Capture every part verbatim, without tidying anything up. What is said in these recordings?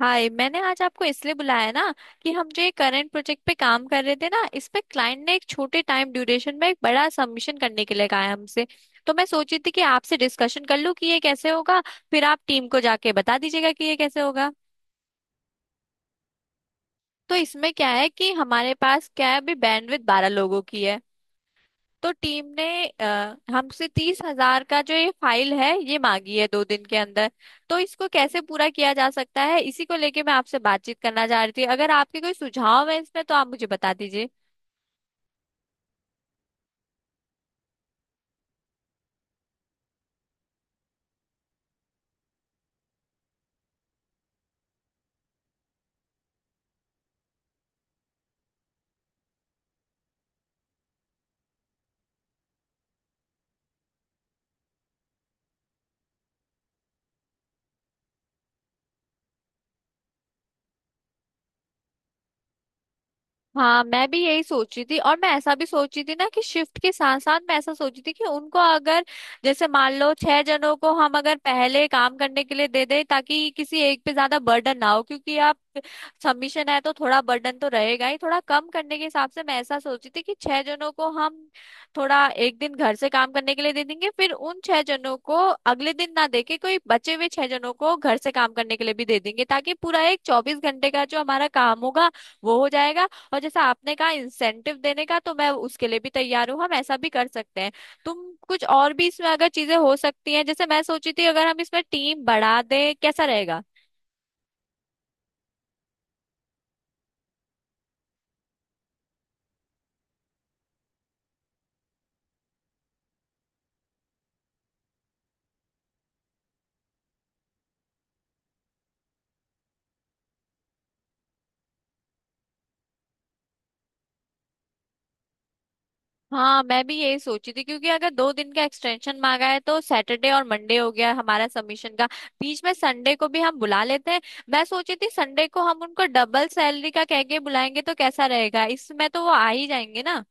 हाय, मैंने आज आपको इसलिए बुलाया ना कि हम जो ये करंट प्रोजेक्ट पे काम कर रहे थे ना, इस पे क्लाइंट ने एक छोटे टाइम ड्यूरेशन में एक बड़ा सबमिशन करने के लिए कहा है हमसे। तो मैं सोची थी कि आपसे डिस्कशन कर लूं कि ये कैसे होगा, फिर आप टीम को जाके बता दीजिएगा कि ये कैसे होगा। तो इसमें क्या है कि हमारे पास क्या है, अभी बैंडविड्थ बारह लोगों की है। तो टीम ने अ, हमसे तीस हजार का जो ये फाइल है ये मांगी है दो दिन के अंदर। तो इसको कैसे पूरा किया जा सकता है, इसी को लेके मैं आपसे बातचीत करना चाह रही थी। अगर आपके कोई सुझाव है इसमें तो आप मुझे बता दीजिए। हाँ, मैं भी यही सोच रही थी, और मैं ऐसा भी सोच रही थी ना कि शिफ्ट के साथ साथ मैं ऐसा सोच रही थी कि उनको अगर, जैसे मान लो, छह जनों को हम अगर पहले काम करने के लिए दे दें ताकि किसी एक पे ज्यादा बर्डन ना हो। क्योंकि आप, सबमिशन है तो थोड़ा बर्डन तो रहेगा ही, थोड़ा कम करने के हिसाब से मैं ऐसा सोची थी कि छह जनों को हम थोड़ा एक दिन घर से काम करने के लिए दे देंगे, फिर उन छह जनों को अगले दिन ना देके कोई बचे हुए छह जनों को घर से काम करने के लिए भी दे देंगे, ताकि पूरा एक चौबीस घंटे का जो हमारा काम होगा वो हो जाएगा। और जैसा आपने कहा इंसेंटिव देने का, तो मैं उसके लिए भी तैयार हूँ, हम ऐसा भी कर सकते हैं। तुम कुछ और भी इसमें अगर चीजें हो सकती हैं, जैसे मैं सोची थी अगर हम इसमें टीम बढ़ा दें, कैसा रहेगा? हाँ, मैं भी यही सोची थी क्योंकि अगर दो दिन का एक्सटेंशन मांगा है, तो सैटरडे और मंडे हो गया हमारा सबमिशन का। बीच में संडे को भी हम बुला लेते हैं। मैं सोची थी संडे को हम उनको डबल सैलरी का कह के बुलाएंगे, तो कैसा रहेगा इसमें? तो वो आ ही जाएंगे ना।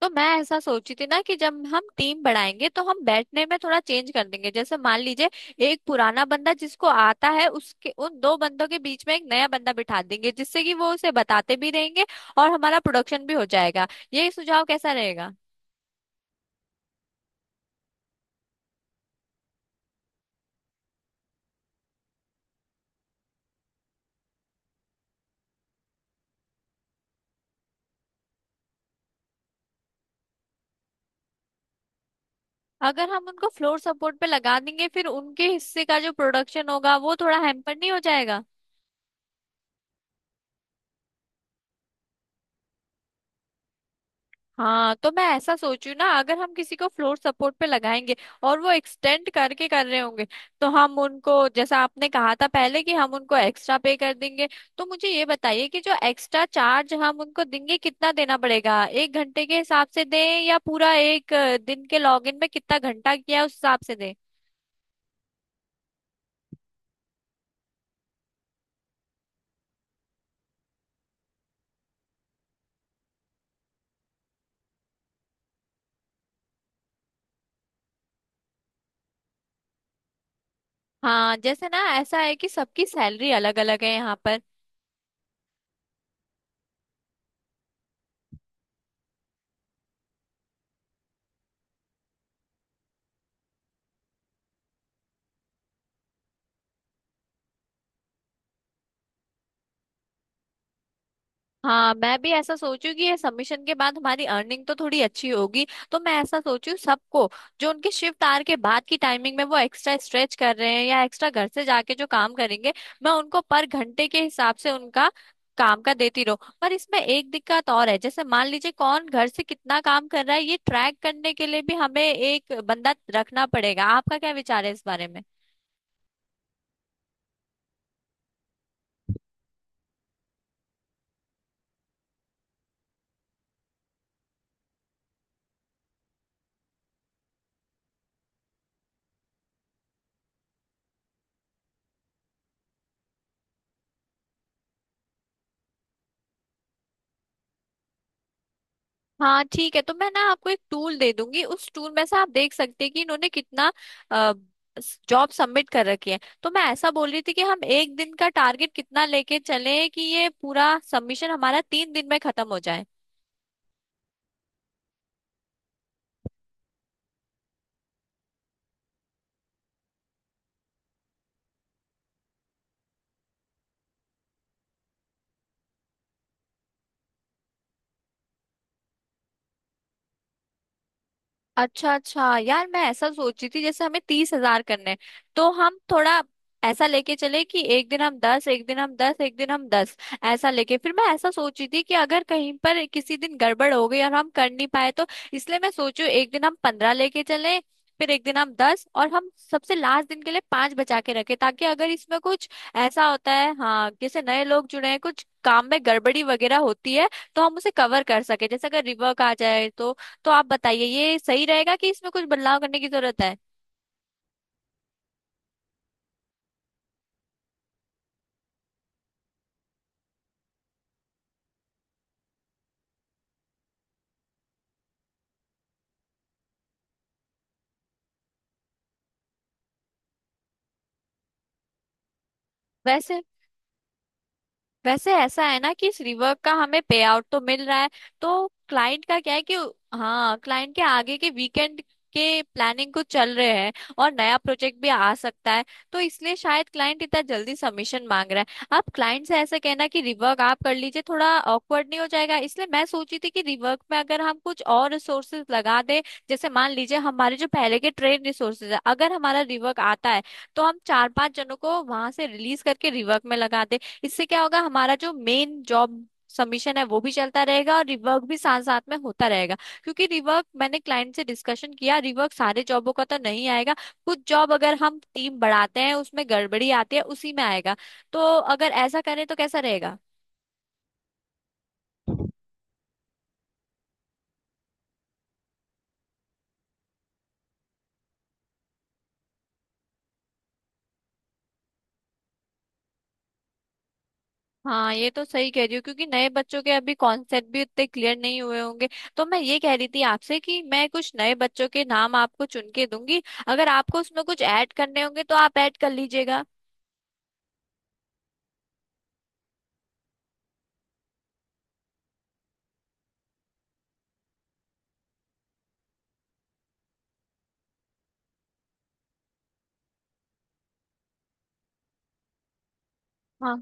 तो मैं ऐसा सोची थी ना कि जब हम टीम बढ़ाएंगे तो हम बैठने में थोड़ा चेंज कर देंगे। जैसे मान लीजिए, एक पुराना बंदा जिसको आता है उसके, उन दो बंदों के बीच में एक नया बंदा बिठा देंगे, जिससे कि वो उसे बताते भी रहेंगे और हमारा प्रोडक्शन भी हो जाएगा। ये सुझाव कैसा रहेगा? अगर हम उनको फ्लोर सपोर्ट पे लगा देंगे, फिर उनके हिस्से का जो प्रोडक्शन होगा वो थोड़ा हैम्पर नहीं हो जाएगा? हाँ, तो मैं ऐसा सोचू ना, अगर हम किसी को फ्लोर सपोर्ट पे लगाएंगे और वो एक्सटेंड करके कर रहे होंगे, तो हम उनको जैसा आपने कहा था पहले, कि हम उनको एक्स्ट्रा पे कर देंगे। तो मुझे ये बताइए कि जो एक्स्ट्रा चार्ज हम उनको देंगे कितना देना पड़ेगा, एक घंटे के हिसाब से दें या पूरा एक अ, दिन के लॉगिन में कितना घंटा किया है उस हिसाब से दें? हाँ, जैसे ना ऐसा है कि सबकी सैलरी अलग अलग है यहाँ पर। हाँ, मैं भी ऐसा सोचू कि ये सबमिशन के बाद हमारी अर्निंग तो थोड़ी अच्छी होगी। तो मैं ऐसा सोचू, सबको जो उनके शिफ्ट आर के बाद की टाइमिंग में वो एक्स्ट्रा स्ट्रेच कर रहे हैं या एक्स्ट्रा घर से जाके जो काम करेंगे, मैं उनको पर घंटे के हिसाब से उनका काम का देती रहूं। पर इसमें एक दिक्कत और है, जैसे मान लीजिए कौन घर से कितना काम कर रहा है ये ट्रैक करने के लिए भी हमें एक बंदा रखना पड़ेगा। आपका क्या विचार है इस बारे में? हाँ ठीक है, तो मैं ना आपको एक टूल दे दूंगी, उस टूल में से आप देख सकते हैं कि इन्होंने कितना जॉब सबमिट कर रखी है। तो मैं ऐसा बोल रही थी कि हम एक दिन का टारगेट कितना लेके चले कि ये पूरा सबमिशन हमारा तीन दिन में खत्म हो जाए। अच्छा अच्छा यार, मैं ऐसा सोची थी, जैसे हमें तीस हजार करने हैं, तो हम थोड़ा ऐसा लेके चले कि एक दिन हम दस, एक दिन हम दस, एक दिन हम दस। ऐसा लेके फिर मैं ऐसा सोची थी कि अगर कहीं पर किसी दिन गड़बड़ हो गई और हम कर नहीं पाए, तो इसलिए मैं सोचू एक दिन हम पंद्रह लेके चले, फिर एक दिन हम दस, और हम सबसे लास्ट दिन के लिए पांच बचा के रखें, ताकि अगर इसमें कुछ ऐसा होता है, हाँ जैसे नए लोग जुड़े हैं, कुछ काम में गड़बड़ी वगैरह होती है तो हम उसे कवर कर सके। जैसे अगर रिवर्क आ जाए तो तो आप बताइए ये सही रहेगा कि इसमें कुछ बदलाव करने की जरूरत है? वैसे वैसे ऐसा है ना कि इस रिवर्क का हमें पे आउट तो मिल रहा है। तो क्लाइंट का क्या है कि, हाँ, क्लाइंट के आगे के वीकेंड के प्लानिंग कुछ चल रहे हैं और नया प्रोजेक्ट भी आ सकता है, तो इसलिए शायद क्लाइंट इतना जल्दी सबमिशन मांग रहा है। आप क्लाइंट से ऐसे कहना कि रिवर्क आप कर लीजिए, थोड़ा ऑकवर्ड नहीं हो जाएगा? इसलिए मैं सोची थी कि रिवर्क में अगर हम कुछ और रिसोर्सेज लगा दें, जैसे मान लीजिए हमारे जो पहले के ट्रेन रिसोर्सेज है, अगर हमारा रिवर्क आता है तो हम चार पांच जनों को वहां से रिलीज करके रिवर्क में लगा दें। इससे क्या होगा, हमारा जो मेन जॉब सबमिशन है वो भी चलता रहेगा और रिवर्क भी साथ साथ में होता रहेगा। क्योंकि रिवर्क मैंने क्लाइंट से डिस्कशन किया, रिवर्क सारे जॉबों का तो नहीं आएगा, कुछ जॉब अगर हम टीम बढ़ाते हैं उसमें गड़बड़ी आती है उसी में आएगा। तो अगर ऐसा करें तो कैसा रहेगा? हाँ ये तो सही कह रही हो, क्योंकि नए बच्चों के अभी कॉन्सेप्ट भी उतने क्लियर नहीं हुए होंगे। तो मैं ये कह रही थी आपसे कि मैं कुछ नए बच्चों के नाम आपको चुन के दूंगी, अगर आपको उसमें कुछ ऐड करने होंगे तो आप ऐड कर लीजिएगा। हाँ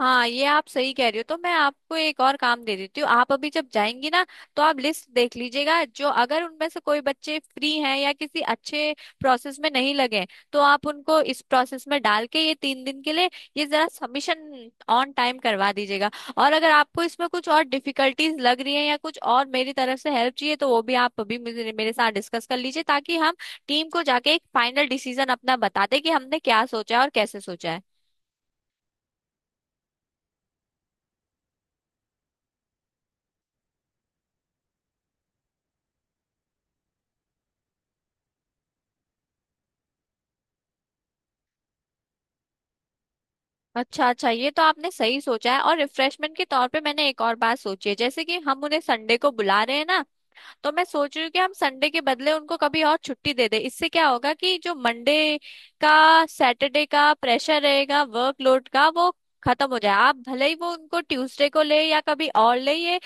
हाँ ये आप सही कह रही हो, तो मैं आपको एक और काम दे देती हूँ। आप अभी जब जाएंगी ना, तो आप लिस्ट देख लीजिएगा, जो अगर उनमें से कोई बच्चे फ्री हैं या किसी अच्छे प्रोसेस में नहीं लगे हैं, तो आप उनको इस प्रोसेस में डाल के ये तीन दिन के लिए ये जरा सबमिशन ऑन टाइम करवा दीजिएगा। और अगर आपको इसमें कुछ और डिफिकल्टीज लग रही है या कुछ और मेरी तरफ से हेल्प चाहिए, तो वो भी आप अभी मुझे, मेरे साथ डिस्कस कर लीजिए, ताकि हम टीम को जाके एक फाइनल डिसीजन अपना बताते कि हमने क्या सोचा है और कैसे सोचा है। अच्छा अच्छा, ये तो आपने सही सोचा है। और रिफ्रेशमेंट के तौर पे मैंने एक और बात सोची है, जैसे कि हम उन्हें संडे को बुला रहे हैं ना, तो मैं सोच रही हूँ कि हम संडे के बदले उनको कभी और छुट्टी दे दे। इससे क्या होगा कि जो मंडे का, सैटरडे का प्रेशर रहेगा वर्कलोड का वो खत्म हो जाए। आप भले ही वो उनको ट्यूसडे को ले या कभी और ले, ये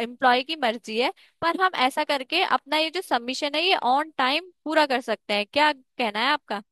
एम्प्लॉय की मर्जी है। पर हम ऐसा करके अपना ये जो सबमिशन है ये ऑन टाइम पूरा कर सकते हैं, क्या कहना है आपका?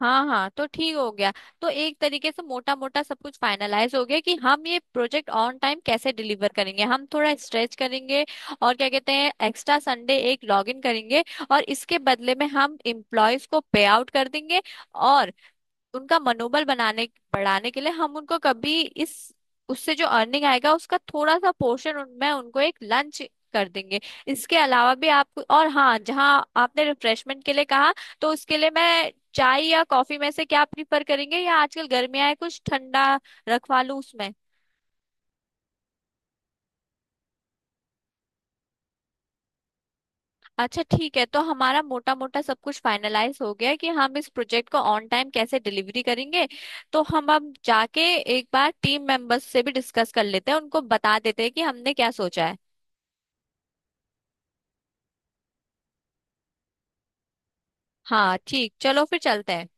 हाँ हाँ, तो ठीक हो गया। तो एक तरीके से मोटा मोटा सब कुछ फाइनलाइज हो गया कि हम ये प्रोजेक्ट ऑन टाइम कैसे डिलीवर करेंगे। हम थोड़ा स्ट्रेच करेंगे, और क्या कहते हैं, एक्स्ट्रा संडे एक लॉग इन करेंगे, और इसके बदले में हम एम्प्लॉयज को पे आउट कर देंगे। और उनका मनोबल बनाने, बढ़ाने के लिए हम उनको कभी इस, उससे जो अर्निंग आएगा उसका थोड़ा सा पोर्शन उनमें, उनको एक लंच कर देंगे। इसके अलावा भी आप, और हाँ, जहाँ आपने रिफ्रेशमेंट के लिए कहा, तो उसके लिए मैं चाय या कॉफी में से क्या प्रीफर करेंगे, या आजकल गर्मियाँ है कुछ ठंडा रखवा लूँ उसमें? अच्छा ठीक है, तो हमारा मोटा मोटा सब कुछ फाइनलाइज हो गया है कि हम इस प्रोजेक्ट को ऑन टाइम कैसे डिलीवरी करेंगे। तो हम अब जाके एक बार टीम मेंबर्स से भी डिस्कस कर लेते हैं, उनको बता देते हैं कि हमने क्या सोचा है। हाँ ठीक, चलो फिर चलते हैं।